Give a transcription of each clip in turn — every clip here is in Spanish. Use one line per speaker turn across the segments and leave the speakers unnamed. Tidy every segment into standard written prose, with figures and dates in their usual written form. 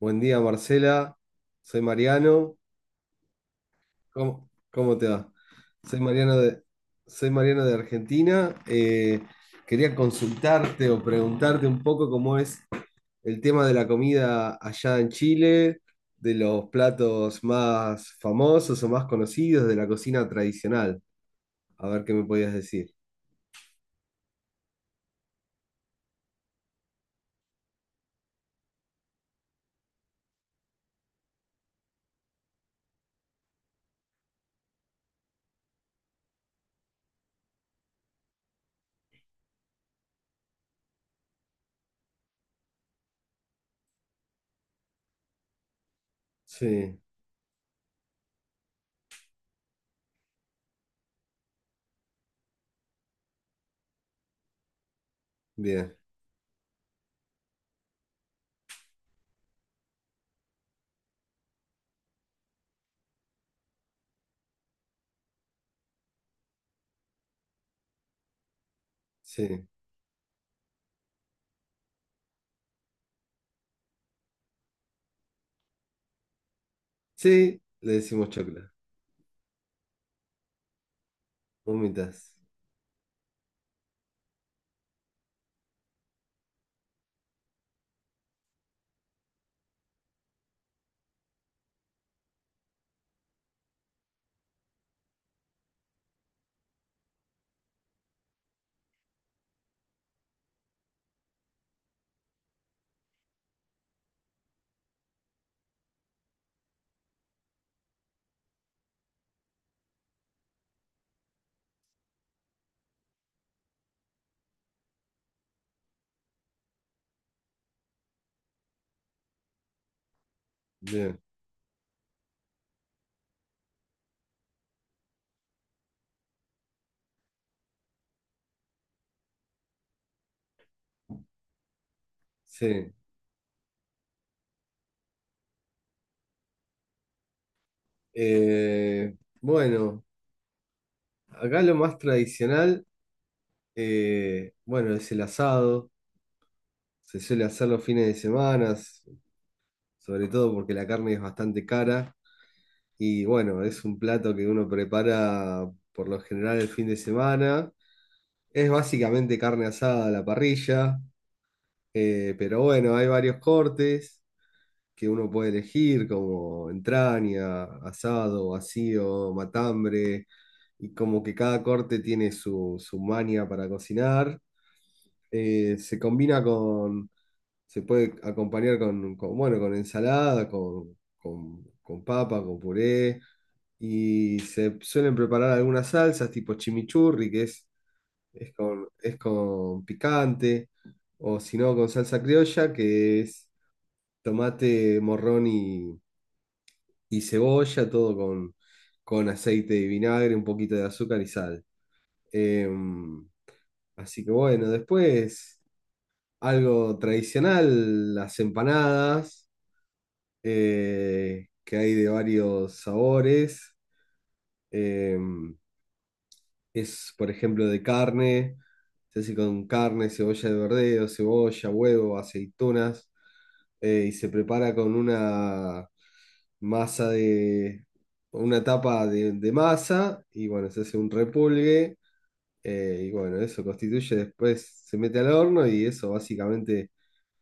Buen día, Marcela. Soy Mariano. ¿Cómo te va? Soy Mariano de, Soy Mariano de Argentina. Quería consultarte o preguntarte un poco cómo es el tema de la comida allá en Chile, de los platos más famosos o más conocidos de la cocina tradicional. A ver qué me podías decir. Sí, bien, sí. Sí, le decimos chocla. Vomitas. Bien, sí. Eh, bueno, acá lo más tradicional, bueno, es el asado. Se suele hacer los fines de semana, sobre todo porque la carne es bastante cara. Y bueno, es un plato que uno prepara por lo general el fin de semana. Es básicamente carne asada a la parrilla, pero bueno, hay varios cortes que uno puede elegir, como entraña, asado, vacío, matambre. Y como que cada corte tiene su maña para cocinar. eh, se combina con, Se puede acompañar bueno, con ensalada, con papa, con puré, y se suelen preparar algunas salsas tipo chimichurri, es es con picante, o si no, con salsa criolla, que es tomate, y cebolla, con aceite y vinagre, un poquito de azúcar y sal. Em, Así que bueno, después algo tradicional, las empanadas, que hay de varios sabores. Eh, por ejemplo, de carne, se hace con carne, cebolla de verdeo, cebolla, huevo, aceitunas, y se prepara con una masa de, una tapa de masa, y bueno, se hace un repulgue y bueno, eso constituye después, se mete al horno y eso básicamente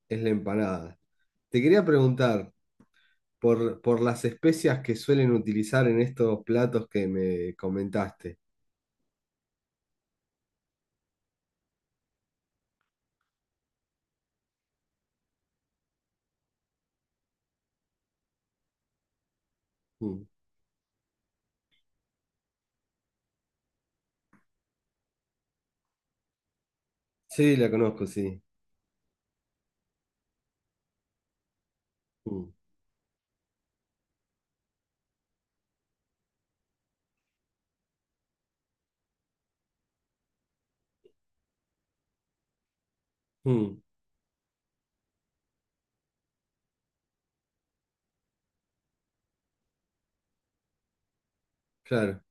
es la empanada. Te quería preguntar por las especias que suelen utilizar en estos platos que me comentaste. Mm. Sí, la conozco, sí. Mm. Mm. Claro.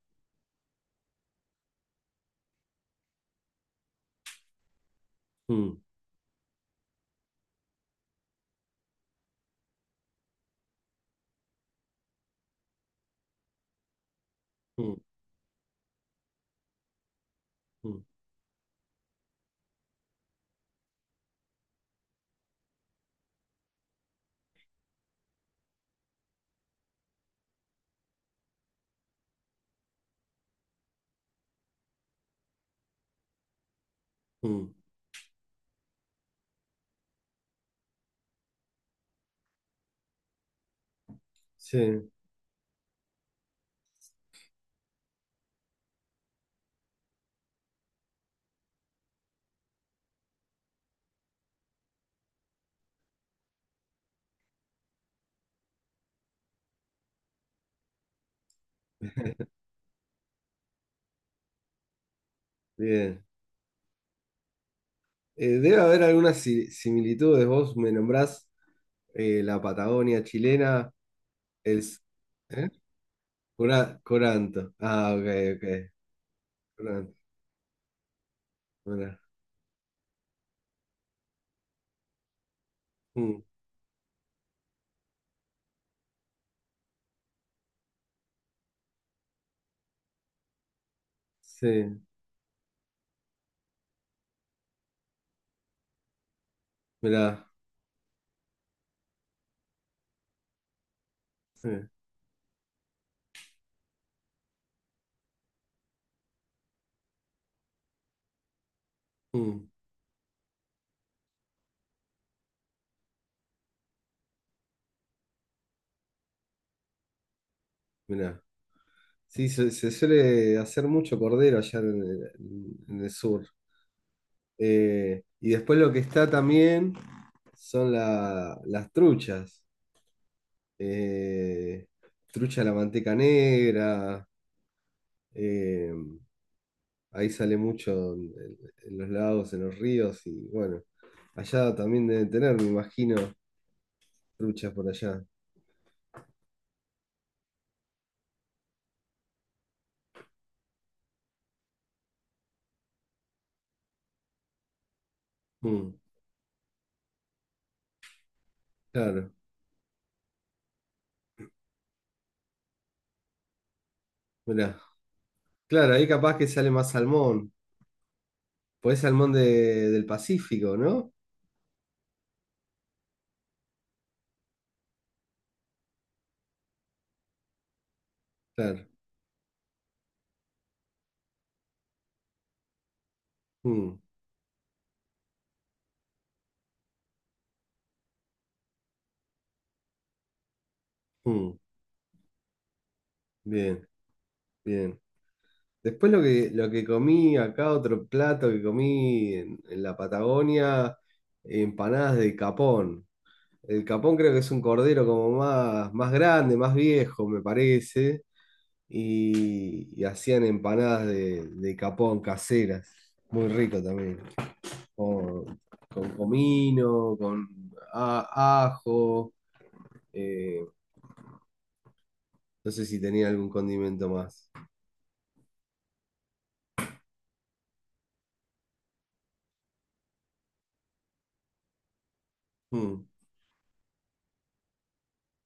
Mm. Mm. Mm. Mm. Sí, bien. Debe haber algunas similitudes. Vos me nombrás la Patagonia chilena, el... s- ¿Eh? Coranto. Ah, ok, ok. Coranto. Mira, mm, sí, mira, sí, mm, mira. Sí, se suele hacer mucho cordero allá en en el sur. Y después lo que está también son las truchas. Eh, Trucha a la manteca negra. Eh, ahí sale mucho En los lagos, en los ríos. Y bueno, allá también deben tener, me imagino, truchas por allá. Mm, claro, mira. Claro, ahí capaz que sale más salmón. Pues salmón de- del Pacífico, ¿no? Claro. Mm, mm, bien, bien. Después lo que comí acá, otro plato que comí en la Patagonia, empanadas de capón. El capón creo que es un cordero como más grande, más viejo, me parece. Y hacían empanadas de capón caseras. Muy rico también. con, con comino, con ajo. eh, no sé si tenía algún condimento más. Mm.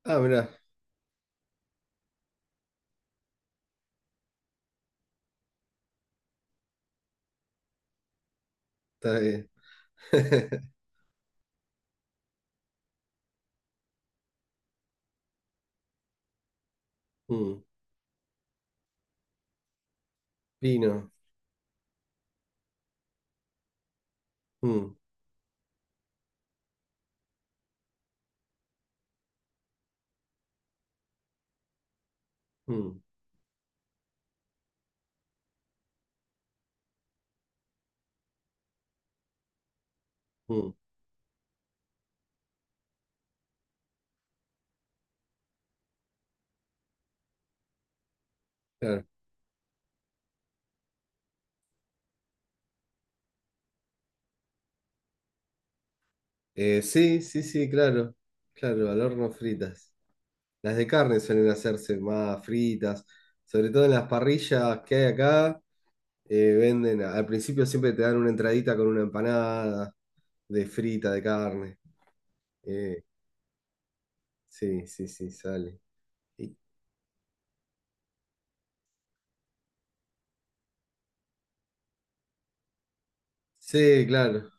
Ah, mirá, está bien. Mm. Pino. Mm, mm, mm, claro. Sí, sí, sí, claro. Claro, al horno fritas. Las de carne suelen hacerse más fritas. Sobre todo en las parrillas que hay acá. Venden, al principio siempre te dan una entradita con una empanada de frita de carne. Eh, Sí, sí, sí, sale. Y- Sí, claro.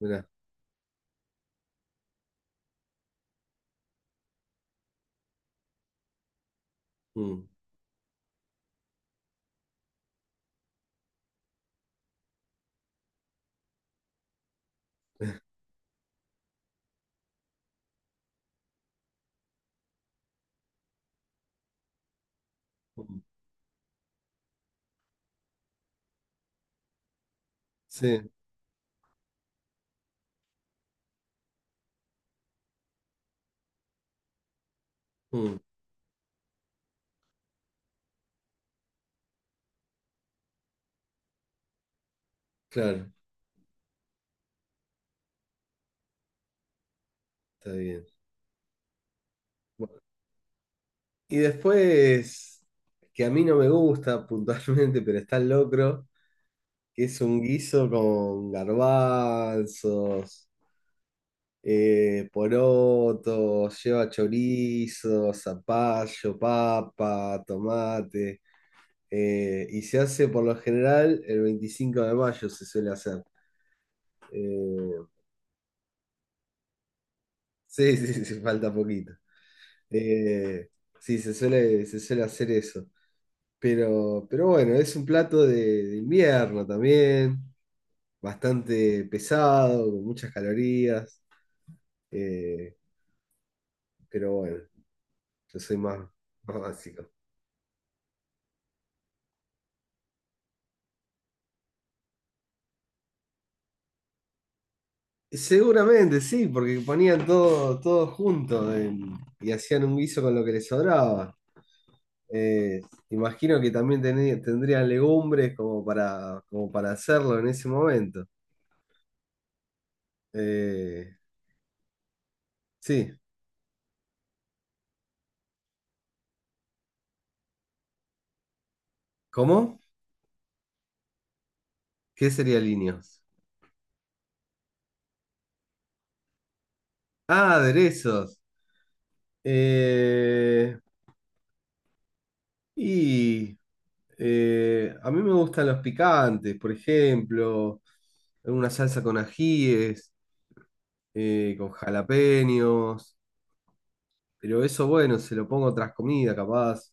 Mirá. Mm, mm, sí, mm, claro. Está bien. Bueno, y después, que a mí no me gusta puntualmente, pero está el locro, que es un guiso con garbanzos, porotos, lleva chorizo, zapallo, papa, tomate. Y se hace por lo general el 25 de mayo, se suele hacer. Eh, Sí, sí, sí, sí, falta poquito. Eh, sí, se suele hacer eso. Pero bueno, es un plato de invierno también, bastante pesado, con muchas calorías. eh, pero bueno, yo soy más, más básico. Seguramente sí, porque ponían todo junto en- y hacían un guiso con lo que les sobraba. Eh, Imagino que también tendrían legumbres como para, como para hacerlo en ese momento. Eh, Sí. ¿Cómo? ¿Qué sería líneas? Ah, aderezos. Eh, y a mí me gustan los picantes, por ejemplo, una salsa con ajíes, con jalapeños, pero eso, bueno, se lo pongo a otras comidas, capaz,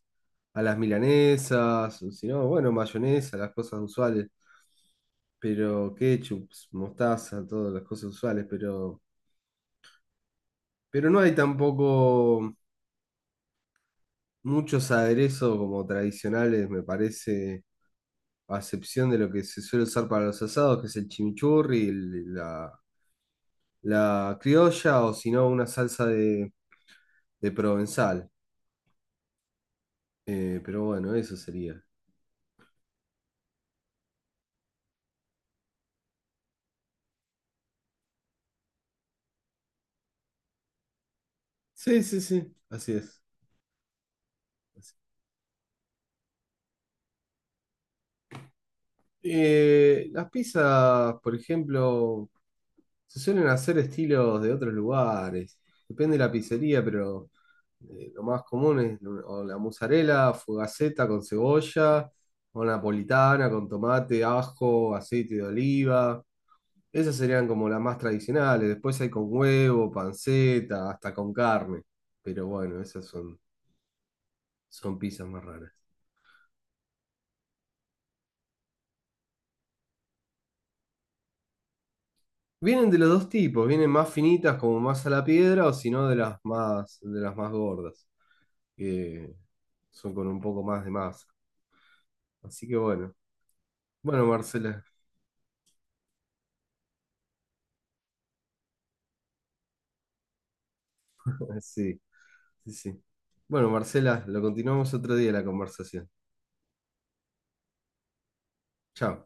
a las milanesas, o si no, bueno, mayonesa, las cosas usuales, pero ketchup, mostaza, todas las cosas usuales, pero no hay tampoco. Muchos aderezos como tradicionales, me parece, a excepción de lo que se suele usar para los asados, que es el chimichurri, la criolla o si no una salsa de provenzal. Pero bueno, eso sería. Sí, sí, sí, así es. Las pizzas, por ejemplo, se suelen hacer estilos de otros lugares. Depende de la pizzería, pero lo más común es o la mozzarella, fugaceta con cebolla, o napolitana con tomate, ajo, aceite de oliva. Esas serían como las más tradicionales. Después hay con huevo, panceta, hasta con carne. Pero bueno, son pizzas más raras. Vienen de los dos tipos, vienen más finitas como más a la piedra o si no de las más, de las más gordas, que son con un poco más de masa. Así que bueno, bueno Marcela, sí, sí, sí. Bueno Marcela, lo continuamos otro día la conversación. Chao.